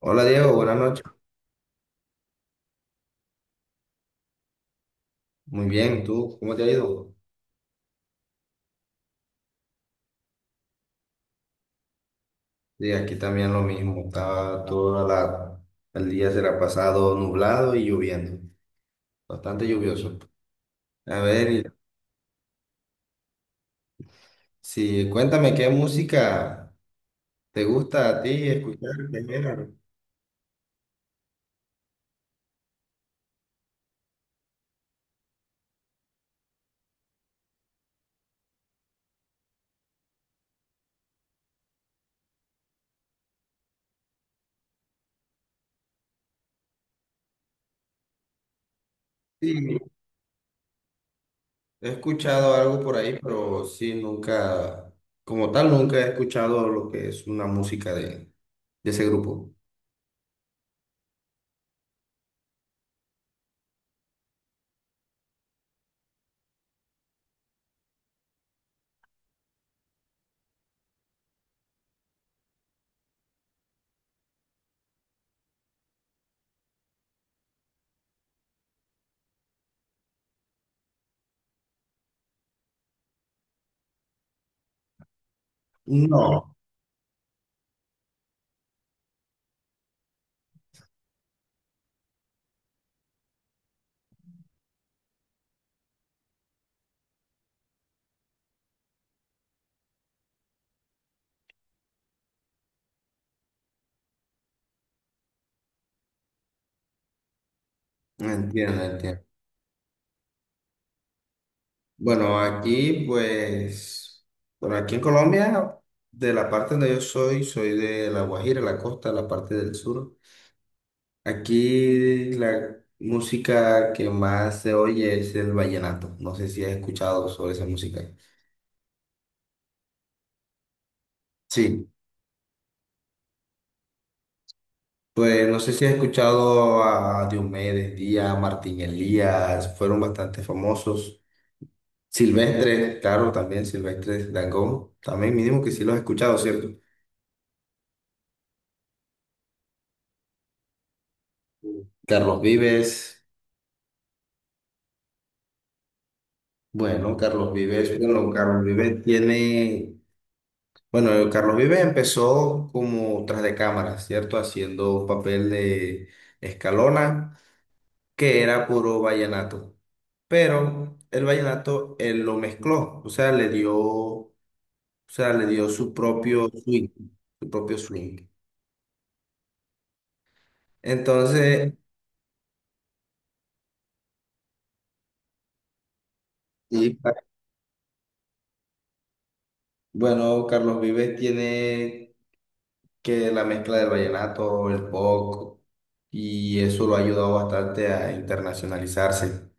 Hola Diego, buenas noches. Muy bien, ¿tú cómo te ha ido? Sí, aquí también lo mismo. El día se la ha pasado nublado y lloviendo, bastante lluvioso. A ver, y- sí, cuéntame qué música te gusta a ti escuchar, qué género. Sí, he escuchado algo por ahí, pero sí, nunca, como tal, nunca he escuchado lo que es una música de ese grupo. No, entiendo, entiendo. Bueno, aquí pues, bueno, aquí en Colombia, de la parte donde yo soy, soy de La Guajira, la costa, la parte del sur. Aquí la música que más se oye es el vallenato. No sé si has escuchado sobre esa música. Sí, pues no sé si has escuchado a Diomedes Díaz, Martín Elías, fueron bastante famosos. Silvestre, claro, también Silvestre Dangond, también mínimo que sí los has escuchado, ¿cierto? Carlos Vives. Bueno, Carlos Vives, bueno, Carlos Vives tiene, bueno, Carlos Vives empezó como tras de cámara, ¿cierto? Haciendo un papel de Escalona, que era puro vallenato. Pero el vallenato él lo mezcló, o sea, le dio, o sea, le dio su propio swing, su propio swing. Entonces, y, bueno, Carlos Vives tiene que la mezcla del vallenato, el pop, y eso lo ha ayudado bastante a internacionalizarse.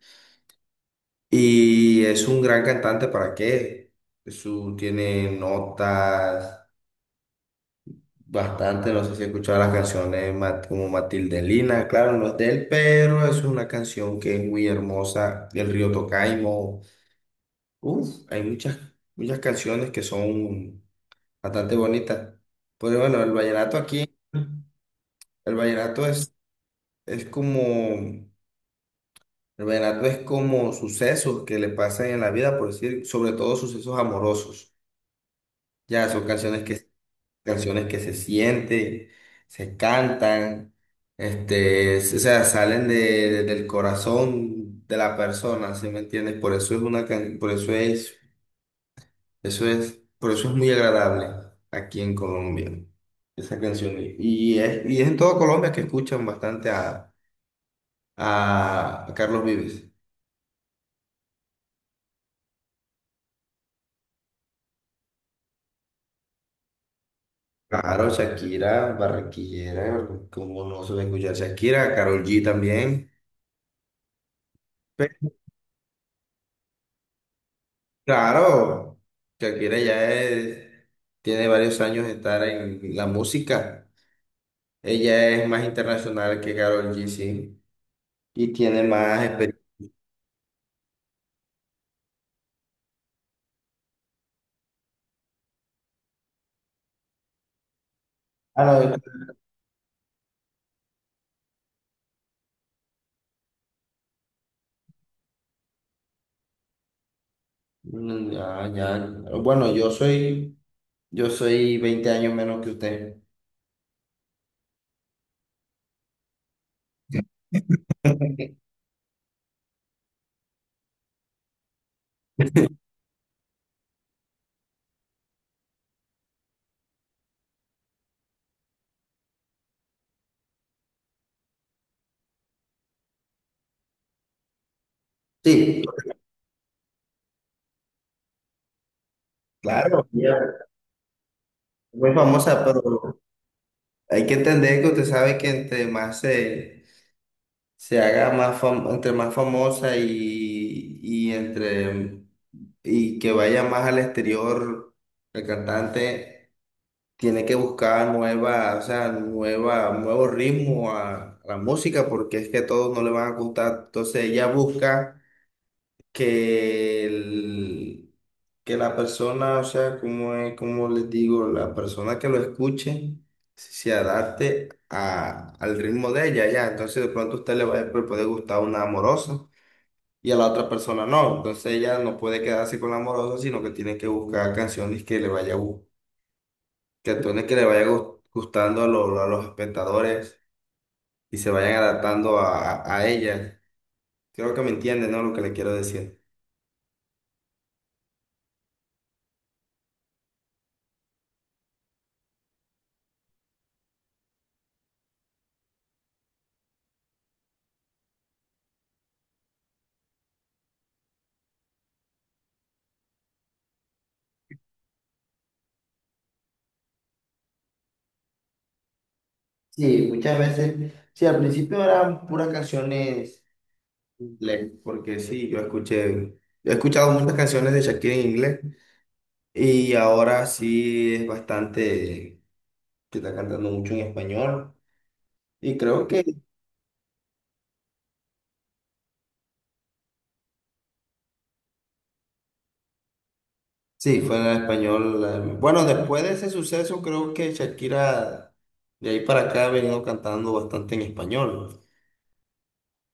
Y es un gran cantante, ¿para qué? Su, tiene notas bastante, no sé si he escuchado las canciones como Matilde Lina, claro, no es de él, pero es una canción que es muy hermosa, del río Tocaimo. Uf, muchas canciones que son bastante bonitas. Pero bueno, El vallenato es Es como, el vallenato es como sucesos que le pasan en la vida, por decir, sobre todo sucesos amorosos. Ya son canciones que, canciones que se sienten, se cantan, o sea, salen del corazón de la persona, ¿sí me entiendes? Por eso es una, can- por eso es, Por eso es muy agradable aquí en Colombia, esa canción. Y es en toda Colombia que escuchan bastante a Carlos Vives. Claro, Shakira, barranquillera, como no se va a escuchar Shakira, Karol G también. Pe- Claro, Shakira ya es- tiene varios años de estar en la música. Ella es más internacional que Karol G, sí, y tiene más experiencia. Ah, no, ya, ya. Bueno, yo soy, yo soy 20 años menos que usted. Sí, claro, ella es muy famosa, pero hay que entender que usted sabe que entre más se se haga más fam- entre más famosa y que vaya más al exterior el cantante tiene que buscar nueva, o sea, nueva, nuevo ritmo a la música, porque es que a todos no le van a gustar. Entonces ella busca que, el- que la persona, o sea, como es, como les digo, la persona que lo escuche se adapte al ritmo de ella, ya. Entonces, de pronto a usted le va a poder gustar una amorosa y a la otra persona no. Entonces, ella no puede quedarse con la amorosa, sino que tiene que buscar canciones que le vaya gustando a los espectadores y se vayan adaptando a ella. Creo que me entiende, ¿no? Lo que le quiero decir. Sí, muchas veces, sí, al principio eran puras canciones en inglés, porque sí, he escuchado muchas canciones de Shakira en inglés, y ahora sí es bastante, que está cantando mucho en español, y creo que sí, fue en español. Bueno, Después de ese suceso creo que Shakira de ahí para acá ha venido cantando bastante en español,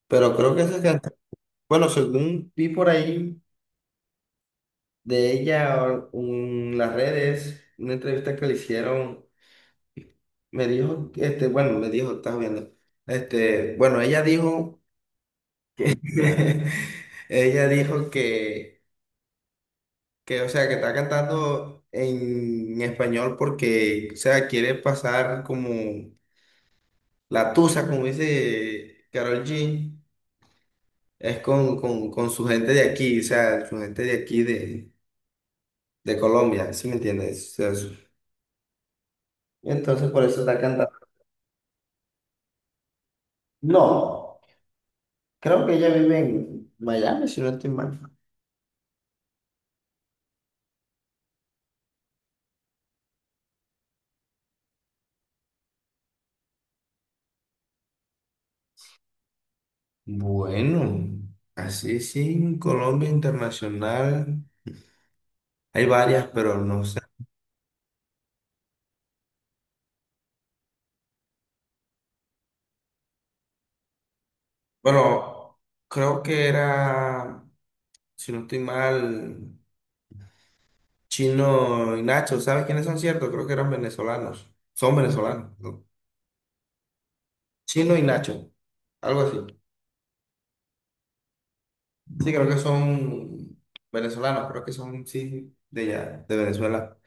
pero creo que esas canciones, bueno, según vi por ahí de ella en las redes, una entrevista que le hicieron, me dijo, este, bueno, me dijo, estás viendo, este, bueno, ella dijo, ella dijo que, o sea, que está cantando en español porque, o sea, quiere pasar como la tusa, como dice Karol G, es con su gente de aquí, o sea, su gente de aquí de Colombia, ¿sí me entiendes? Entonces por eso está cantando. No, creo que ella vive en Miami, si no estoy mal. Bueno, así sí, en Colombia internacional hay varias, pero no sé. Bueno, creo que era, si no estoy mal, Chino y Nacho. ¿Sabes quiénes son, ciertos? Creo que eran venezolanos. Son venezolanos, ¿no? Chino y Nacho, algo así. Sí, creo que son venezolanos, creo que son, sí, de allá, de Venezuela.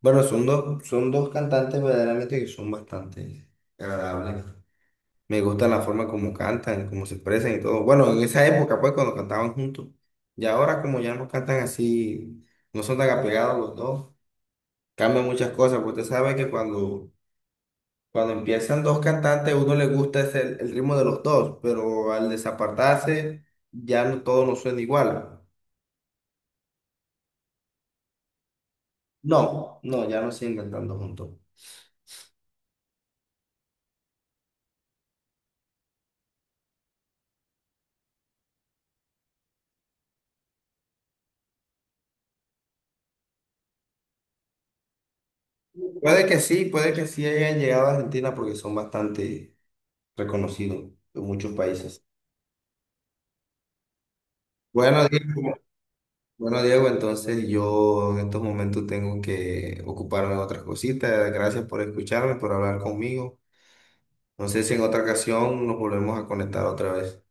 Bueno, son dos cantantes verdaderamente que son bastante agradables. Me gusta la forma como cantan, cómo se expresan y todo. Bueno, en esa época, pues, cuando cantaban juntos. Y ahora, como ya no cantan así, no son tan apegados los dos, cambian muchas cosas. Porque usted sabe que cuando empiezan dos cantantes, uno le gusta el ritmo de los dos, pero al desapartarse, ya no, todo no suena igual. No, no, ya no siguen cantando juntos. Puede que sí hayan llegado a Argentina porque son bastante reconocidos en muchos países. Bueno, Diego, bueno, Diego, entonces yo en estos momentos tengo que ocuparme de otras cositas. Gracias por escucharme, por hablar conmigo. No sé si en otra ocasión nos volvemos a conectar otra vez.